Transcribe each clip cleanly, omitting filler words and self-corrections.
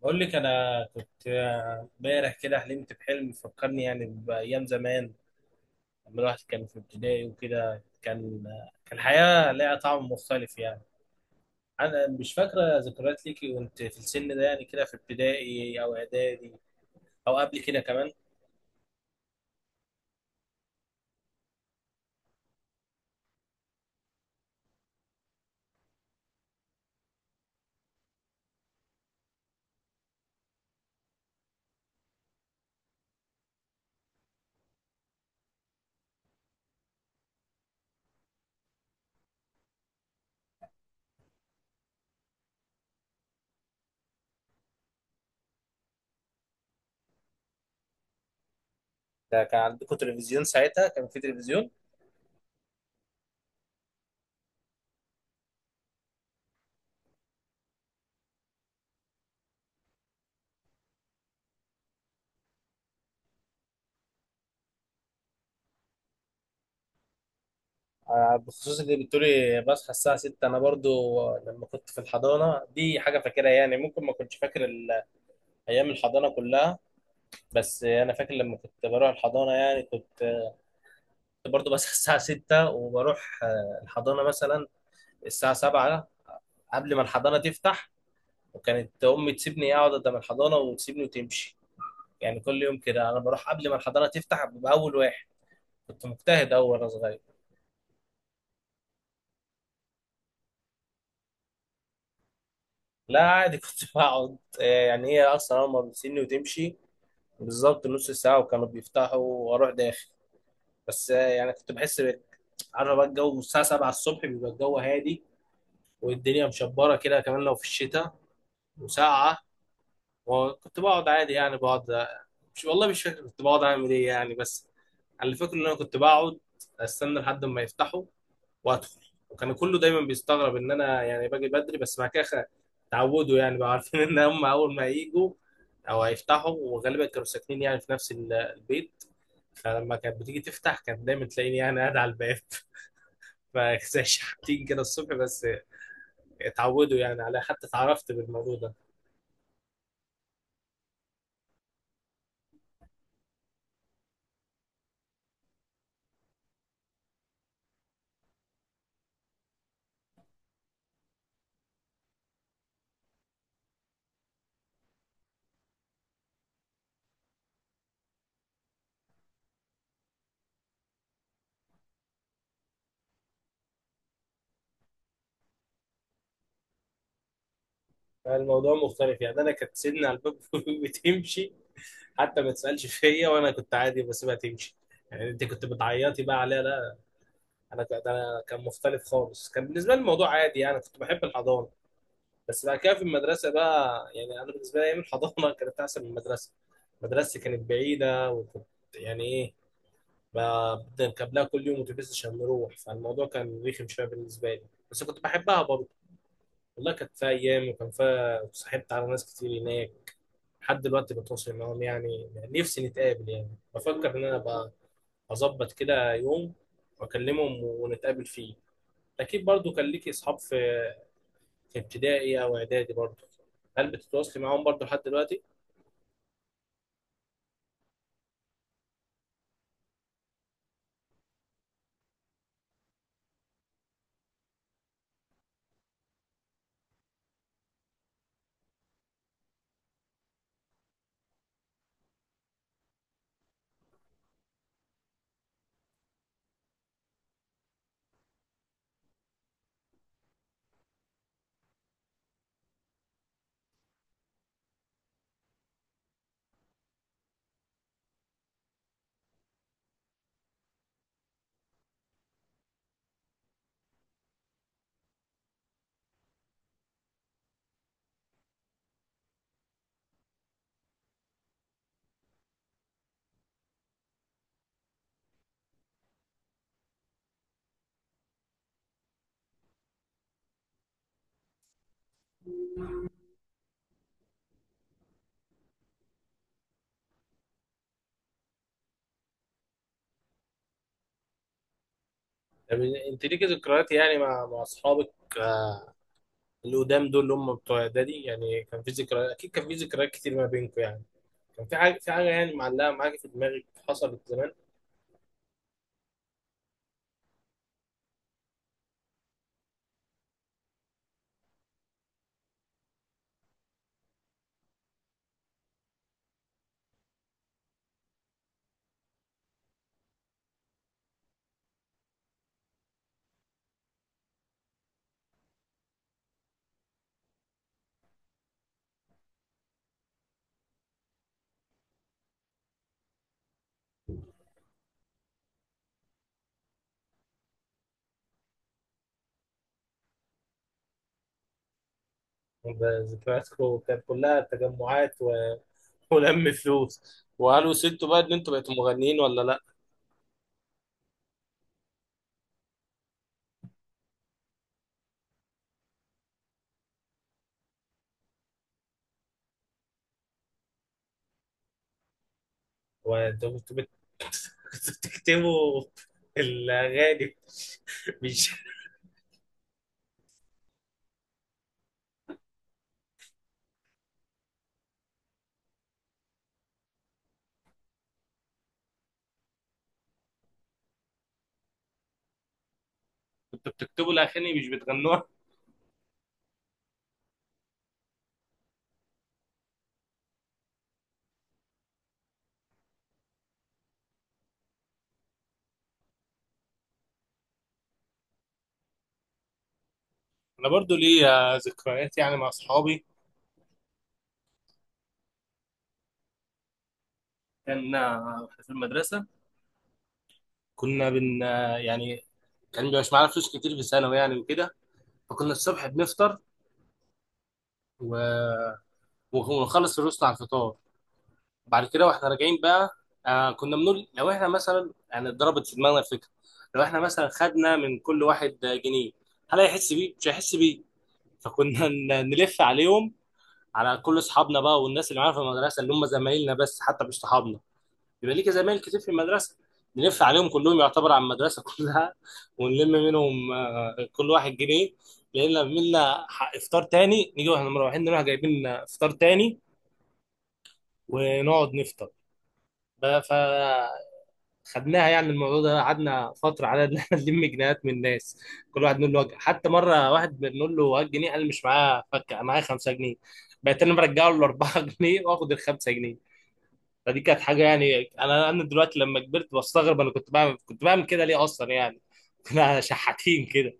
بقول لك انا كنت امبارح كده حلمت بحلم فكرني يعني بايام زمان. لما الواحد كان في ابتدائي وكده كان الحياه ليها طعم مختلف يعني. انا مش فاكره ذكريات ليكي وانت في السن ده، يعني كده في ابتدائي او اعدادي او قبل كده كمان. ده كان عندكم تلفزيون ساعتها؟ كان في تلفزيون؟ آه، بخصوص اللي بتقولي بصحى الساعة 6، أنا برضو لما كنت في الحضانة دي حاجة فاكرها. يعني ممكن ما كنتش فاكر أيام الحضانة كلها. بس انا فاكر لما كنت بروح الحضانه يعني كنت برضو بس الساعه 6 وبروح الحضانه مثلا الساعه 7 قبل ما الحضانه تفتح. وكانت امي تسيبني اقعد قدام الحضانه وتسيبني وتمشي. يعني كل يوم كده انا بروح قبل ما الحضانه تفتح ببقى اول واحد. كنت مجتهد اول وانا صغير. لا عادي، كنت بقعد يعني هي اصلا اول ما بتسيبني وتمشي بالظبط نص ساعه وكانوا بيفتحوا واروح داخل. بس يعني كنت بحس عارف بقى، الجو الساعه 7 الصبح بيبقى الجو هادي، والدنيا مشبره كده كمان لو في الشتاء وساقعه. وكنت بقعد عادي يعني بقعد. مش، والله مش فاكر كنت بقعد اعمل ايه يعني، بس اللي فاكر ان انا كنت بقعد استنى لحد ما يفتحوا وادخل. وكان كله دايما بيستغرب ان انا يعني باجي بدري. بس بعد كده اتعودوا يعني، بقى عارفين ان هم اول ما يجوا او هيفتحوا، وغالبا كانوا ساكنين يعني في نفس البيت. فلما كانت بتيجي تفتح كانت دايما تلاقيني يعني قاعد على الباب فزي شحاتين كده الصبح بس. اتعودوا يعني عليها حتى اتعرفت بالموضوع ده. الموضوع مختلف يعني، انا كانت سيدنا على الباب بتمشي حتى ما تسالش فيا وانا كنت عادي بسيبها تمشي. يعني انت كنت بتعيطي بقى عليها؟ لا، ده أنا كان مختلف خالص. كان بالنسبه لي الموضوع عادي، يعني كنت بحب الحضانه. بس بعد كده في المدرسه بقى، يعني انا بالنسبه لي ايام الحضانه كانت احسن من المدرسه. مدرستي كانت بعيده، وكنت يعني ايه، بنركب لها كل يوم اتوبيس عشان نروح. فالموضوع كان رخم شويه بالنسبه لي، بس كنت بحبها برضه. والله كانت فيها ايام، وكان فيها صاحبت على ناس كتير هناك لحد دلوقتي بتواصل معاهم. يعني نفسي نتقابل، يعني بفكر ان انا ابقى اظبط كده يوم واكلمهم ونتقابل فيه. اكيد برضو كان ليكي اصحاب في ابتدائي او اعدادي برضو. هل بتتواصلي معاهم برضو لحد دلوقتي؟ طب انت ليكي ذكريات يعني مع اصحابك، آه، اللي قدام دول اللي هم بتوع اعدادي، يعني كان في ذكريات. اكيد كان في ذكريات كتير ما بينكم يعني. كان في حاجه يعني معلقه معاكي في دماغك حصلت زمان؟ ذكرياتكم كانت كلها تجمعات ولم فلوس، وقالوا سبتوا بقى ان انتوا بقيتوا مغنيين ولا لا؟ وانتوا كنتوا بتكتبوا الاغاني، مش كنتوا بتكتبوا الاغاني مش بتغنوها؟ انا برضو ليا ذكريات يعني مع اصحابي. كان إحنا في المدرسه كنا بن آه، يعني، كان مش معانا فلوس كتير في ثانوي يعني وكده، فكنا الصبح بنفطر و- ونخلص الرسل على الفطار. بعد كده واحنا راجعين بقى، كنا بنقول لو احنا مثلا يعني اتضربت في دماغنا الفكره، لو احنا مثلا خدنا من كل واحد جنيه، هل هيحس بيه؟ مش هيحس بيه. فكنا نلف عليهم على كل اصحابنا بقى، والناس اللي معانا في المدرسه اللي هم زمايلنا بس حتى مش صحابنا، يبقى ليك زمايل كتير في المدرسه، نلف عليهم كلهم يعتبر على المدرسه كلها، ونلم منهم كل واحد جنيه. لان لما عملنا افطار تاني نيجي واحنا مروحين نروح جايبين فطار تاني ونقعد نفطر بقى. خدناها يعني الموضوع ده، قعدنا فتره على ان احنا نلم جنيهات من الناس. كل واحد نقول له وجه، حتى مره واحد بنقول له هات جنيه قال مش معاه فكه، أنا معايا 5 جنيه. بقيت انا برجع له 4 جنيه واخد ال 5 جنيه. فدي كانت حاجه، يعني انا دلوقتي لما كبرت بستغرب انا كنت بعمل كده ليه اصلا، يعني كنا شحاتين كده.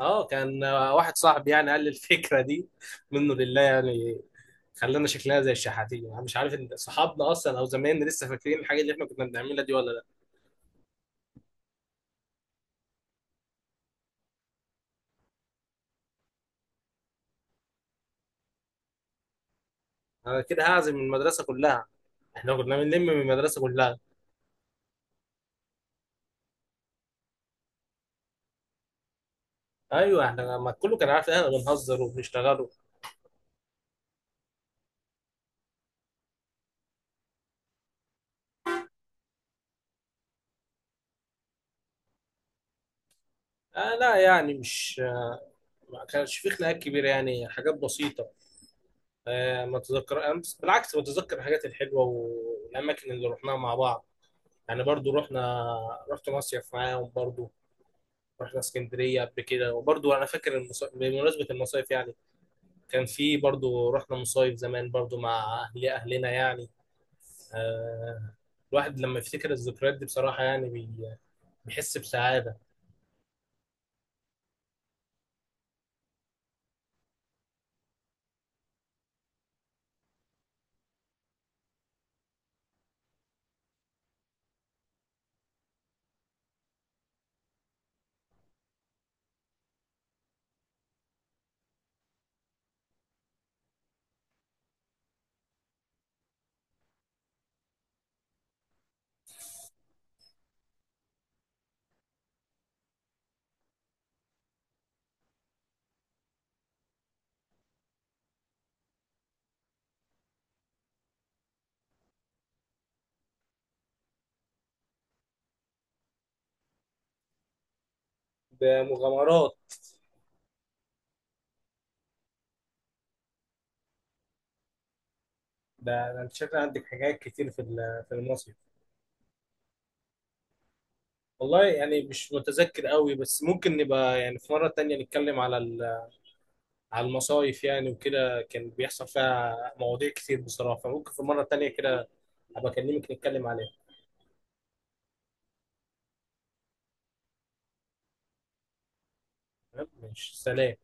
اه، كان واحد صاحبي يعني قال لي الفكره دي، منه لله يعني، خلانا شكلها زي الشحاتين. انا مش عارف ان صحابنا اصلا او زمايلنا لسه فاكرين الحاجه اللي احنا كنا بنعملها دي ولا. انا كده هعزم من المدرسه كلها؟ احنا كنا بنلم من المدرسه كلها. ايوه، احنا ما كله كان عارف ان احنا بنهزر وبنشتغلوا. آه لا، يعني مش، ما كانش في خناقات كبيره يعني، حاجات بسيطه. آه، ما تذكر، أنا بالعكس بتذكر الحاجات الحلوه والاماكن اللي رحناها مع بعض. يعني برضو رحت مصيف معاهم برضو، رحنا اسكندريه قبل كده. وبرضو انا فاكر بمناسبه المصايف يعني، كان في برضو، رحنا مصايف زمان برضو مع اهلنا يعني. آه، الواحد لما يفتكر الذكريات دي بصراحة يعني بيحس بسعادة. بمغامرات. ده انت شكلك عندك حاجات كتير في المصيف. والله يعني مش متذكر قوي، بس ممكن نبقى يعني في مرة تانية نتكلم على المصايف يعني وكده، كان بيحصل فيها مواضيع كتير بصراحة، فممكن في مرة تانية كده أبقى أكلمك نتكلم عليها. تمام، ماشي، سلام.